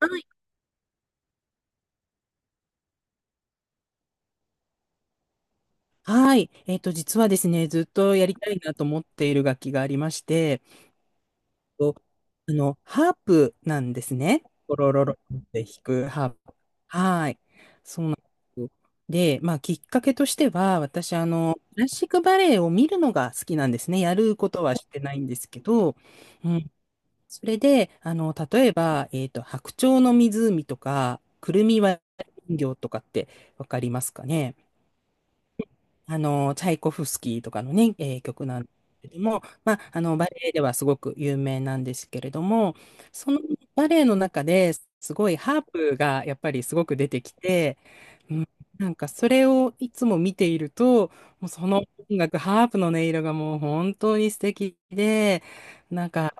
はい。はい。実はですね、ずっとやりたいなと思っている楽器がありまして、とハープなんですね。ロロロロって弾くハープ。はい。そうなんですよ。で、きっかけとしては、私、クラシックバレエを見るのが好きなんですね。やることはしてないんですけど、うん。それで、例えば、白鳥の湖とか、くるみ割り人形とかってわかりますかね？チャイコフスキーとかのね、曲なんですけども、バレエではすごく有名なんですけれども、そのバレエの中ですごいハープがやっぱりすごく出てきて、うん、なんかそれをいつも見ていると、もうその音楽、ハープの音色がもう本当に素敵で、なんか、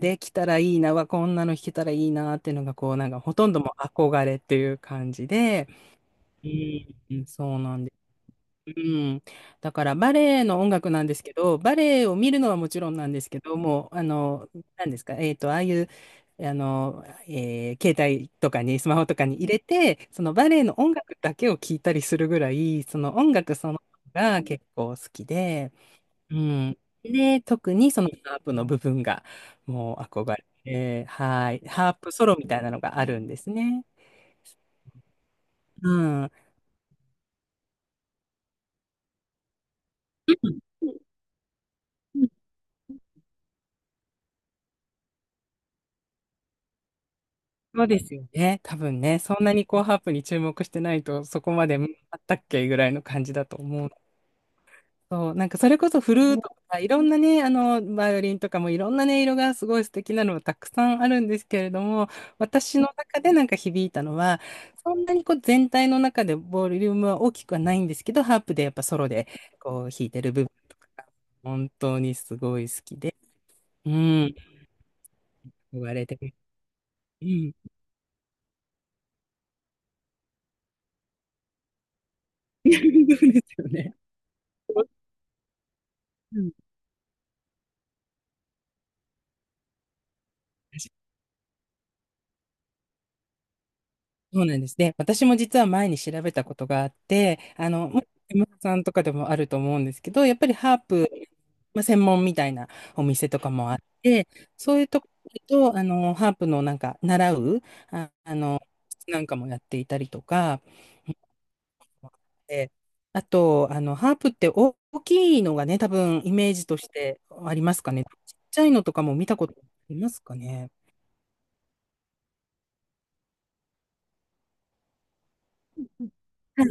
できたらいいな、わこんなの弾けたらいいなっていうのが、こう、なんかほとんどもう憧れっていう感じで、うん、そうなんです。うん、だからバレエの音楽なんですけど、バレエを見るのはもちろんなんですけど、もう、なんですか、ああいう、携帯とかに、スマホとかに入れて、そのバレエの音楽だけを聞いたりするぐらい、その音楽そのものが結構好きで、うん。で、特にそのハープの部分が、もう憧れて、はい。ハープソロみたいなのがあるんですね。うん。そうですよね。多分ね、そんなにこうハープに注目してないと、そこまでうんあったっけぐらいの感じだと思う。そう、なんかそれこそフルートとか、いろんなね、バイオリンとかもいろんな音色がすごい素敵なのがたくさんあるんですけれども、私の中でなんか響いたのは、そんなにこう全体の中でボリュームは大きくはないんですけど、ハープでやっぱソロでこう弾いてる部分とかが本当にすごい好きで、うん、言われてる。うん。そうですよね。うんそうなんです。で、私も実は前に調べたことがあって、もう山田さんとかでもあると思うんですけど、やっぱりハープ、専門みたいなお店とかもあって、そういうところと、ハープのなんか、習う、あ、あの、なんかもやっていたりとか、であと、ハープって大きいのがね、多分イメージとしてありますかね。ちっちゃいのとかも見たことありますかね。は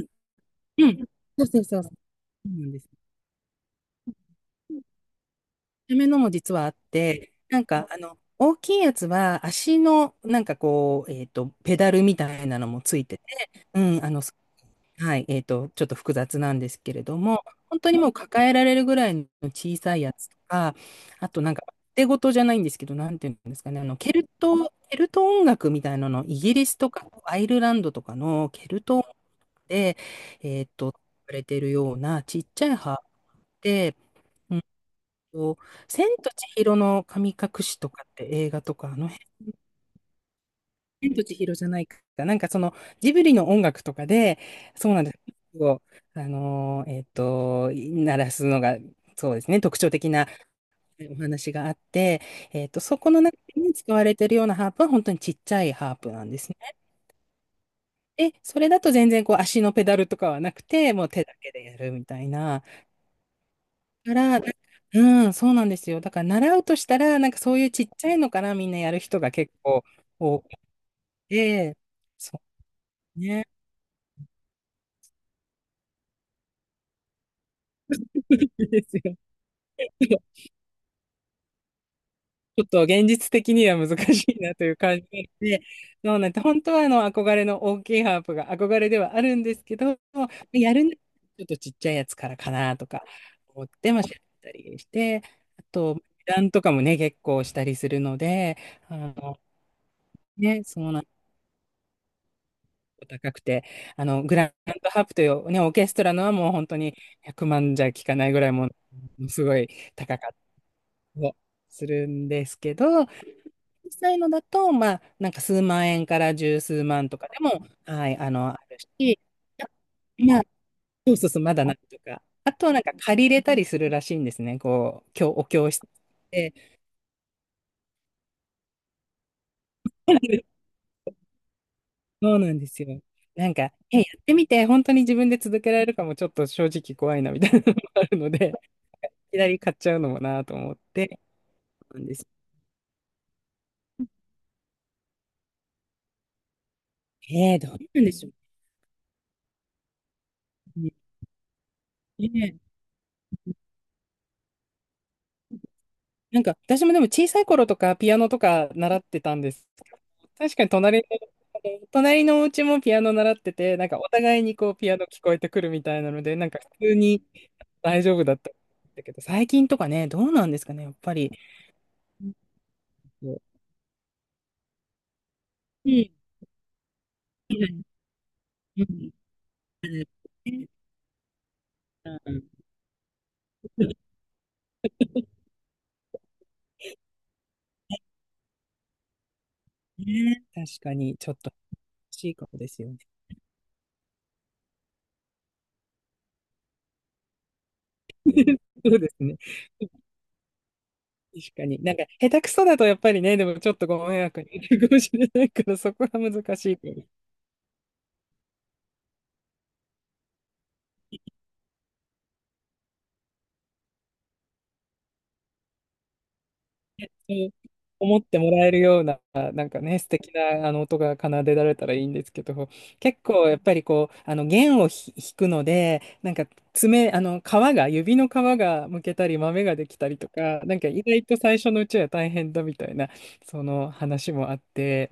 いうん。そうそうそう。そうなんです。ためのも実はあって、なんか、大きいやつは足の、なんかこう、ペダルみたいなのもついてて、うん、はい、ちょっと複雑なんですけれども、本当にもう抱えられるぐらいの小さいやつとか、あとなんか、手ごとじゃないんですけど、なんていうんですかね、ケルト音楽みたいなの、イギリスとかアイルランドとかのケルト音楽で、えっと、されてるようなちっちゃい葉で、うんと、千と千尋の神隠しとかって映画とか、あの辺、千と千尋じゃないか。なんかそのジブリの音楽とかで、そうなんです。を、鳴らすのが、そうですね、特徴的なお話があって、そこの中に使われているようなハープは本当にちっちゃいハープなんですね。で、それだと全然こう足のペダルとかはなくて、もう手だけでやるみたいな。から、なうん、そうなんですよ。だから習うとしたら、なんかそういうちっちゃいのからみんなやる人が結構多くて、そうね。ですよ。ちょっと現実的には難しいなという感じなので、そうなんて、本当はあの憧れの大きいハープが憧れではあるんですけど、やるならちょっとちっちゃいやつからかなとか思って、調べたりして、あと、値段とかもね、結構したりするので、あの、ね、そうなん高くて、グランドハープという、ね、オーケストラのはもう本当に100万じゃ効かないぐらいもう、すごい高かったりするんですけど、実際のだと、なんか数万円から十数万とかでも、はい、あるし、まあ、そうそうそう、まだなんとか。あとはなんか借りれたりするらしいんですね。こう、お教室で。そうなんですよ。なんか、やってみて、本当に自分で続けられるかもちょっと正直怖いな、みたいなのもあるので。きなり買っちゃうのもなと思って。なんです。どうなんでしょうね。ねなんか、私もでも小さい頃とかピアノとか習ってたんですけど。確かに隣のお家もピアノ習ってて、なんかお互いにこうピアノ聞こえてくるみたいなので、なんか普通に大丈夫だったんだけど、最近とかね、どうなんですかね、やっぱり。うんうん。うん。うんうんね、確かに、ちょっと欲しいかもですよね。そうですね。確かに。なんか、下手くそだとやっぱりね、でもちょっとご迷惑になるかもしれないから、そこは難しいけど、そう思ってもらえるような、なんかね、素敵なあの音が奏でられたらいいんですけど、結構やっぱりこう、あの弦を弾くので、なんか爪、あの皮が、指の皮がむけたり、豆ができたりとか、なんか意外と最初のうちは大変だみたいな、その話もあって、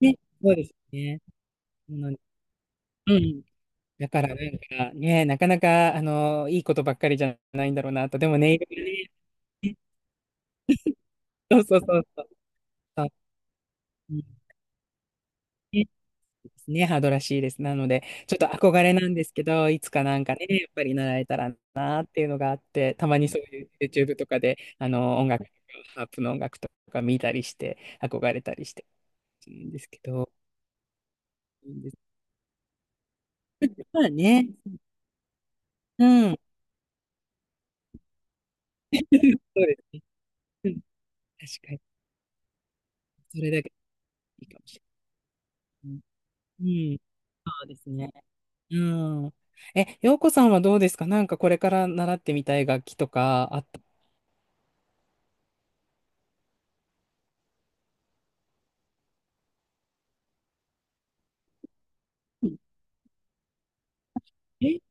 ね、そうですね。うん、うんだからなんかね、なかなか、いいことばっかりじゃないんだろうなと。でもネイルね、そうそうそうそう。そううんねですね、ハードらしいです。なので、ちょっと憧れなんですけど、いつかなんかね、やっぱり習えたらなっていうのがあって、たまにそういう YouTube とかで、音楽とか、ハープの音楽とか見たりして、憧れたりしてるんですけど、いいんですけどまあね、うん、そうですね。うん、確かに、それだけいいかもしれない。うん、そうですね。うん。え、洋子さんはどうですかなんかこれから習ってみたい楽器とかあった。うんえ、い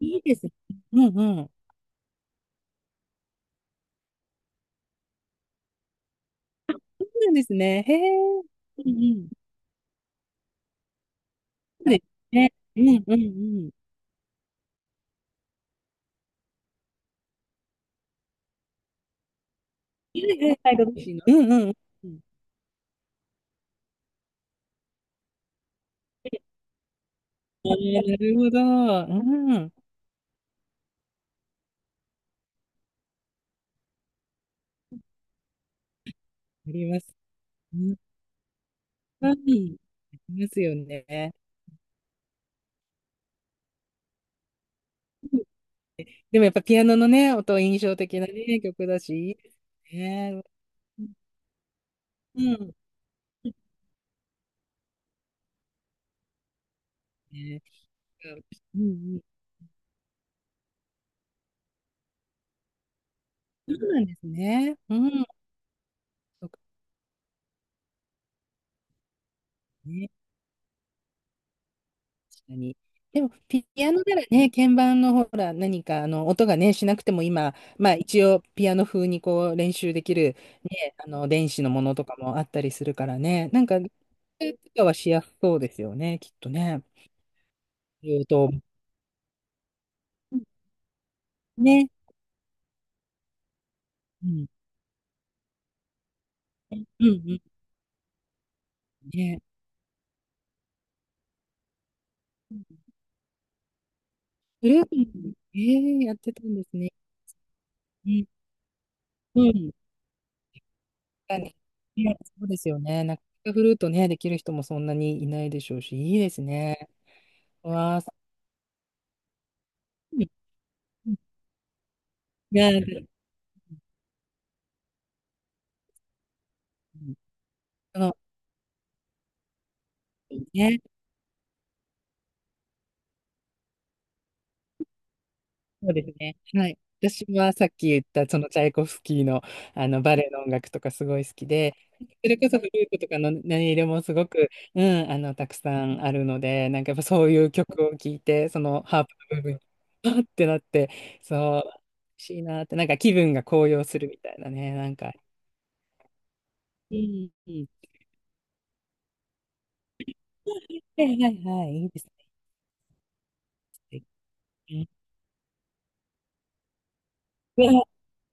いですね。うんうん。そうなんですね。へえ。うんうん。そうですね。うんうんうん。はいはいはい、楽しいの。うんうんうん。あーなるほど。うん。あります。うん。はいありますよね。うんでもやっぱピアノのね、音印象的なね、曲だし、いいですね。うん。ね、うんうん。そうなんですね。うん。ね、確かに。でも、ピアノならね、鍵盤のほら、何かあの音がね、しなくても今、一応、ピアノ風にこう練習できる、ね、あの電子のものとかもあったりするからね、なんか、とかはしやすそうですよね、きっとね。言うと、ね、うん、うん、うん、ね。グループも、やってたんですね。うん、うん、確かにね、そうですよね。なかなかフルートね、できる人もそんなにいないでしょうし、いいですね。うわー、が、その、ね、そうですね。はい。私はさっき言った、そのチャイコフスキーの、あのバレエの音楽とかすごい好きで、それこそフルートとかの音色もすごく、うん、たくさんあるので、なんかやっぱそういう曲を聴いて、そのハープの部分に、あってなって、そう、欲しいなって、なんか気分が高揚するみたいなね、なんか。うん、うん。はいはいはい、いいですね。うんうわ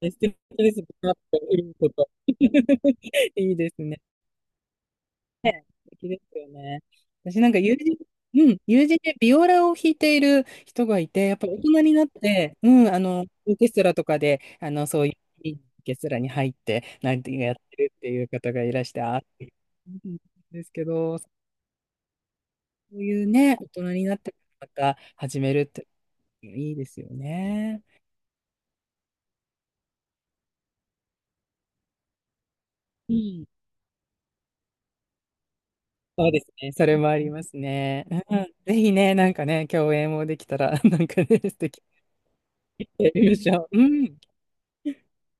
素敵です。ハープとフルートと いいですね。素敵ですよね。私なんか友人、うん、友人でビオラを弾いている人がいて、やっぱり大人になって、うん、オーケストラとかで、そういういいオーケストラに入って、なんてやってるっていう方がいらして、あーってうんですけど、そういうね、大人になってまた始めるっていいですよね。うん。そうですね。それもありますね。うん。ぜひね、なんかね、共演もできたら、なんかね、素敵でやりましょう。うん。